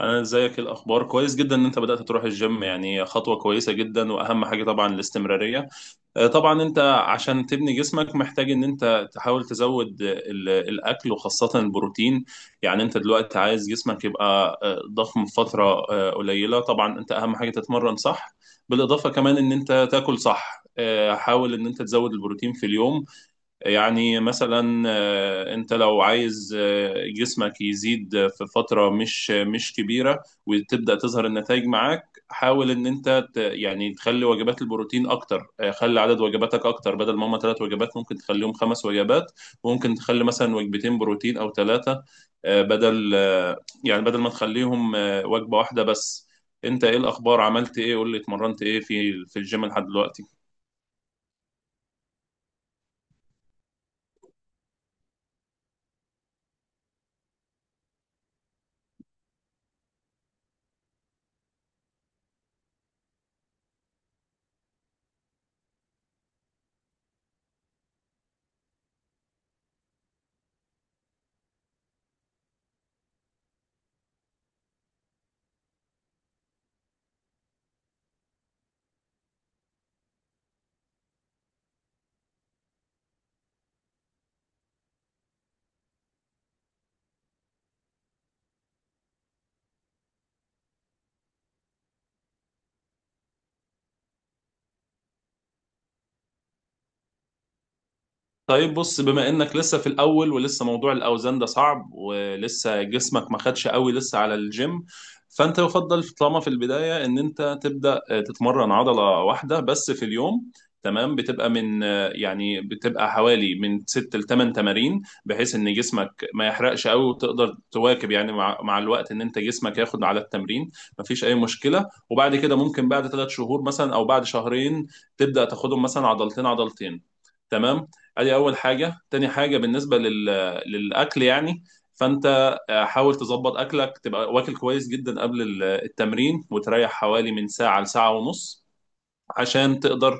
انا، ازيك؟ الاخبار كويس جدا ان انت بدات تروح الجيم، يعني خطوه كويسه جدا، واهم حاجه طبعا الاستمراريه. طبعا انت عشان تبني جسمك محتاج ان انت تحاول تزود الاكل وخاصه البروتين. يعني انت دلوقتي عايز جسمك يبقى ضخم في فتره قليله. طبعا انت اهم حاجه تتمرن صح. بالاضافه كمان ان انت تاكل صح. حاول ان انت تزود البروتين في اليوم. يعني مثلا انت لو عايز جسمك يزيد في فترة مش كبيرة وتبدأ تظهر النتائج معاك. حاول ان انت يعني تخلي وجبات البروتين اكتر. خلي عدد وجباتك اكتر، بدل ما هم ثلاث وجبات ممكن تخليهم خمس وجبات. وممكن تخلي مثلا وجبتين بروتين او ثلاثة، بدل ما تخليهم وجبة واحدة بس. انت ايه الاخبار؟ عملت ايه؟ قول لي، اتمرنت ايه في الجيم لحد دلوقتي؟ طيب بص، بما انك لسه في الاول ولسه موضوع الاوزان ده صعب ولسه جسمك ما خدش قوي لسه على الجيم، فانت يفضل طالما في البدايه ان انت تبدا تتمرن عضله واحده بس في اليوم. تمام. بتبقى حوالي من 6 ل 8 تمارين، بحيث ان جسمك ما يحرقش قوي وتقدر تواكب يعني مع الوقت ان انت جسمك ياخد على التمرين. مفيش اي مشكله، وبعد كده ممكن بعد ثلاث شهور مثلا او بعد شهرين تبدا تاخدهم مثلا عضلتين عضلتين. تمام. ادي اول حاجه. تاني حاجه بالنسبه للاكل يعني، فانت حاول تظبط اكلك، تبقى واكل كويس جدا قبل التمرين وتريح حوالي من ساعه لساعه ونص عشان تقدر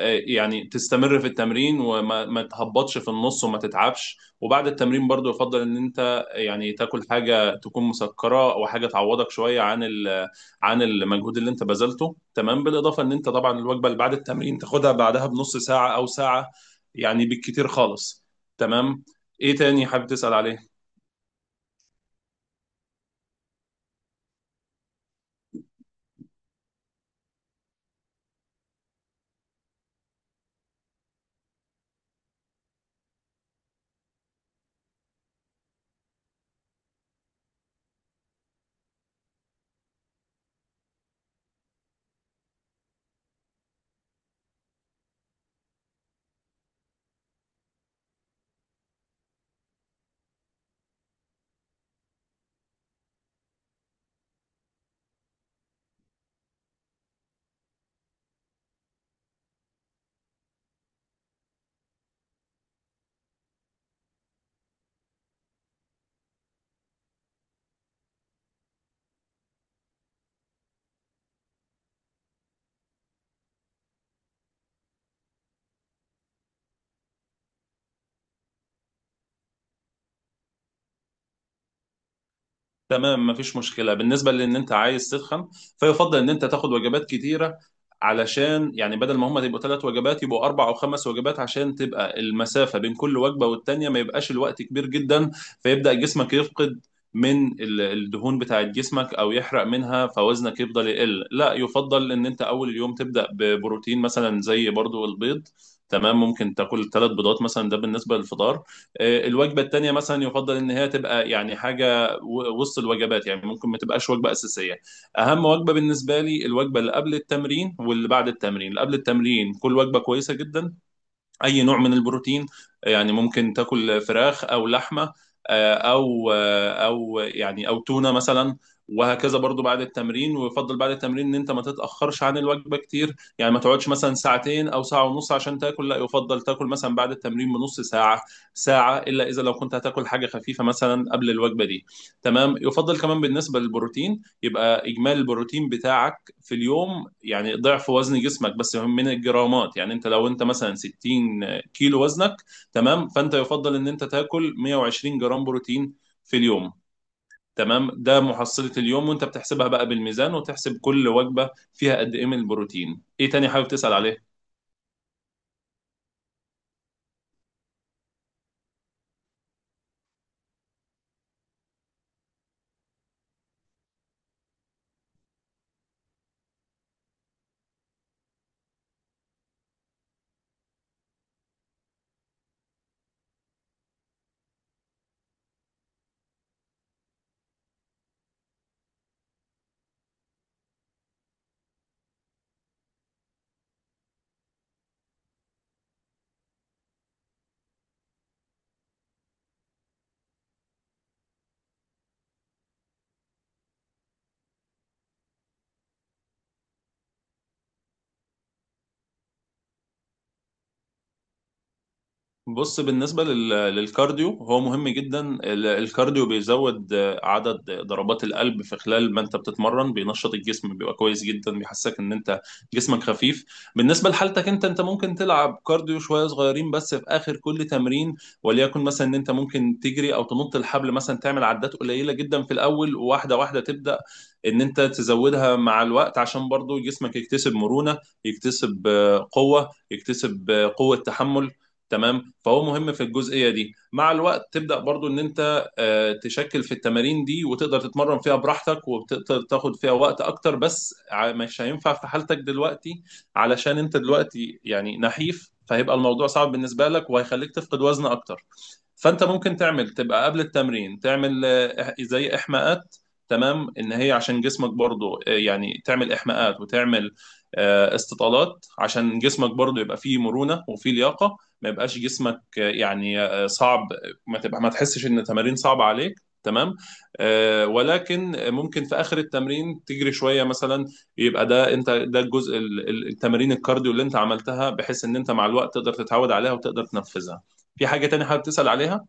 يعني تستمر في التمرين وما ما تهبطش في النص وما تتعبش. وبعد التمرين برضو يفضل ان انت يعني تاكل حاجه تكون مسكره او حاجه تعوضك شويه عن المجهود اللي انت بذلته. تمام. بالاضافه ان انت طبعا الوجبه اللي بعد التمرين تاخدها بعدها بنص ساعه او ساعه، يعني بالكتير خالص. تمام. ايه تاني حابب تسأل عليه؟ تمام. مفيش مشكلة. بالنسبة لأن أنت عايز تتخن، فيفضل إن أنت تاخد وجبات كتيرة. علشان يعني بدل ما هما تبقوا ثلاث وجبات يبقوا أربع أو خمس وجبات، عشان تبقى المسافة بين كل وجبة والتانية ما يبقاش الوقت كبير جدا، فيبدأ جسمك يفقد من الدهون بتاعت جسمك أو يحرق منها، فوزنك يفضل يقل. لا، يفضل إن أنت أول اليوم تبدأ ببروتين مثلا زي برضو البيض. تمام. ممكن تاكل ثلاث بيضات مثلا، ده بالنسبة للفطار. الوجبة التانية مثلا يفضل إن هي تبقى يعني حاجة وسط الوجبات، يعني ممكن ما تبقاش وجبه اساسيه. اهم وجبه بالنسبه لي الوجبه اللي قبل التمرين واللي بعد التمرين. اللي قبل التمرين كل وجبه كويسه جدا، اي نوع من البروتين. يعني ممكن تاكل فراخ او لحمه، او تونه مثلا، وهكذا. برضو بعد التمرين، ويفضل بعد التمرين ان انت ما تتاخرش عن الوجبه كتير، يعني ما تقعدش مثلا ساعتين او ساعه ونص عشان تاكل. لا، يفضل تاكل مثلا بعد التمرين بنص ساعه ساعه، الا اذا لو كنت هتاكل حاجه خفيفه مثلا قبل الوجبه دي. تمام. يفضل كمان بالنسبه للبروتين يبقى اجمالي البروتين بتاعك في اليوم يعني ضعف وزن جسمك بس من الجرامات. يعني انت لو انت مثلا 60 كيلو وزنك، تمام، فانت يفضل ان انت تاكل 120 جرام بروتين في اليوم. تمام، ده محصلة اليوم، وانت بتحسبها بقى بالميزان وتحسب كل وجبة فيها قد ايه من البروتين. ايه تاني حابب تسأل عليه؟ بص، بالنسبة للكارديو، هو مهم جدا. الكارديو بيزود عدد ضربات القلب في خلال ما انت بتتمرن، بينشط الجسم، بيبقى كويس جدا، بيحسسك ان انت جسمك خفيف. بالنسبة لحالتك انت ممكن تلعب كارديو شوية صغيرين بس في اخر كل تمرين. وليكن مثلا ان انت ممكن تجري او تنط الحبل مثلا، تعمل عدات قليلة جدا في الاول، وواحدة واحدة تبدأ ان انت تزودها مع الوقت عشان برضو جسمك يكتسب مرونة، يكتسب قوة، يكتسب قوة تحمل. تمام. فهو مهم في الجزئيه دي. مع الوقت تبدا برضو ان انت تشكل في التمارين دي وتقدر تتمرن فيها براحتك وبتقدر تاخد فيها وقت اكتر، بس مش هينفع في حالتك دلوقتي. علشان انت دلوقتي يعني نحيف، فهيبقى الموضوع صعب بالنسبه لك وهيخليك تفقد وزن اكتر. فانت ممكن تعمل تبقى قبل التمرين تعمل زي احماءات. تمام، ان هي عشان جسمك برضو يعني تعمل احماءات وتعمل استطالات عشان جسمك برضو يبقى فيه مرونة وفيه لياقة. ما يبقاش جسمك يعني صعب، ما تحسش ان التمارين صعبه عليك. تمام. ولكن ممكن في اخر التمرين تجري شويه مثلا. يبقى ده ده الجزء التمارين الكارديو اللي انت عملتها، بحيث ان انت مع الوقت تقدر تتعود عليها وتقدر تنفذها. في حاجه تانية حابب تسال عليها؟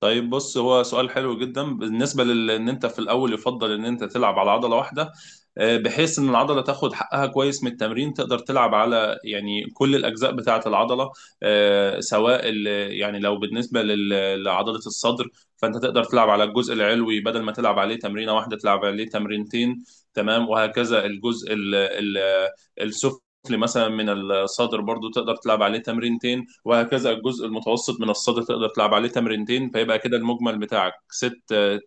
طيب بص، هو سؤال حلو جدا. بالنسبه ان انت في الاول يفضل ان انت تلعب على عضله واحده، بحيث ان العضله تاخد حقها كويس من التمرين. تقدر تلعب على يعني كل الاجزاء بتاعه العضله، سواء يعني لو بالنسبه لعضله الصدر، فانت تقدر تلعب على الجزء العلوي، بدل ما تلعب عليه تمرينه واحده تلعب عليه تمرينتين. تمام. وهكذا الجزء السفلي مثلا من الصدر برضو تقدر تلعب عليه تمرينتين، وهكذا الجزء المتوسط من الصدر تقدر تلعب عليه تمرينتين، فيبقى كده المجمل بتاعك ست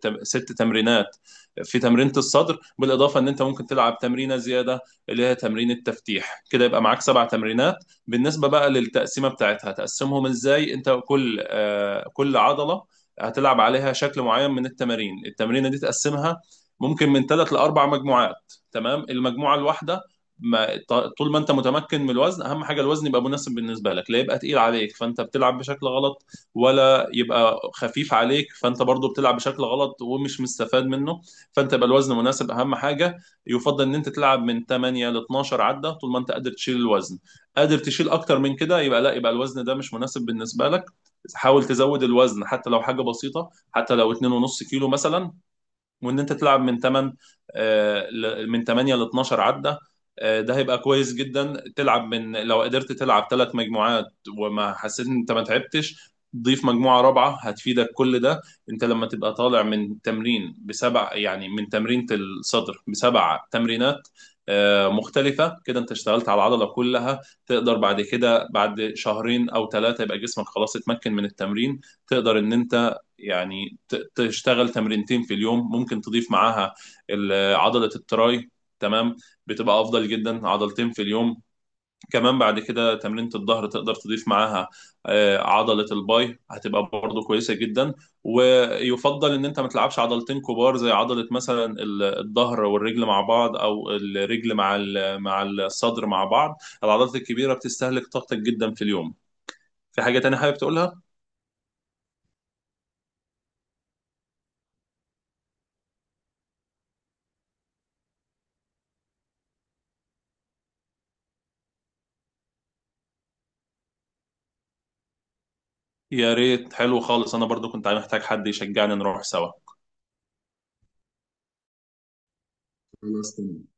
تم- ست تمرينات في تمرينة الصدر. بالإضافة إن أنت ممكن تلعب تمرينة زيادة اللي هي تمرين التفتيح، كده يبقى معاك سبع تمرينات. بالنسبة بقى للتقسيمة بتاعتها تقسمهم إزاي؟ أنت كل عضلة هتلعب عليها شكل معين من التمارين. التمرينة دي تقسمها ممكن من ثلاث لأربع مجموعات. تمام. المجموعة الواحدة ما ط- طول ما انت متمكن من الوزن، اهم حاجه الوزن يبقى مناسب بالنسبه لك. لا يبقى تقيل عليك فانت بتلعب بشكل غلط، ولا يبقى خفيف عليك فانت برضو بتلعب بشكل غلط ومش مستفاد منه. فانت يبقى الوزن مناسب، اهم حاجه. يفضل ان انت تلعب من 8 ل 12 عده طول ما انت قادر تشيل الوزن. قادر تشيل اكتر من كده يبقى لا، يبقى الوزن ده مش مناسب بالنسبه لك. حاول تزود الوزن حتى لو حاجه بسيطه، حتى لو 2.5 كيلو مثلا. وان انت تلعب من 8 ل 12 عده. ده هيبقى كويس جدا. تلعب من لو قدرت تلعب ثلاث مجموعات وما حسيت ان انت ما تعبتش، ضيف مجموعة رابعة هتفيدك كل ده. انت لما تبقى طالع من تمرين بسبع، يعني من تمرينة الصدر بسبع تمرينات مختلفة كده، انت اشتغلت على العضلة كلها. تقدر بعد كده بعد شهرين او ثلاثة يبقى جسمك خلاص اتمكن من التمرين، تقدر ان انت يعني تشتغل تمرينتين في اليوم. ممكن تضيف معاها عضلة التراي. تمام. بتبقى افضل جدا عضلتين في اليوم. كمان بعد كده تمرينة الظهر تقدر تضيف معاها عضلة الباي، هتبقى برضه كويسة جدا. ويفضل ان انت ما تلعبش عضلتين كبار زي عضلة مثلا الظهر والرجل مع بعض، او الرجل مع مع الصدر مع بعض. العضلات الكبيرة بتستهلك طاقتك جدا في اليوم. في حاجة تانية حابب تقولها؟ يا ريت، حلو خالص. انا برضو كنت محتاج حد يشجعني، نروح سوا. خلاص تمام.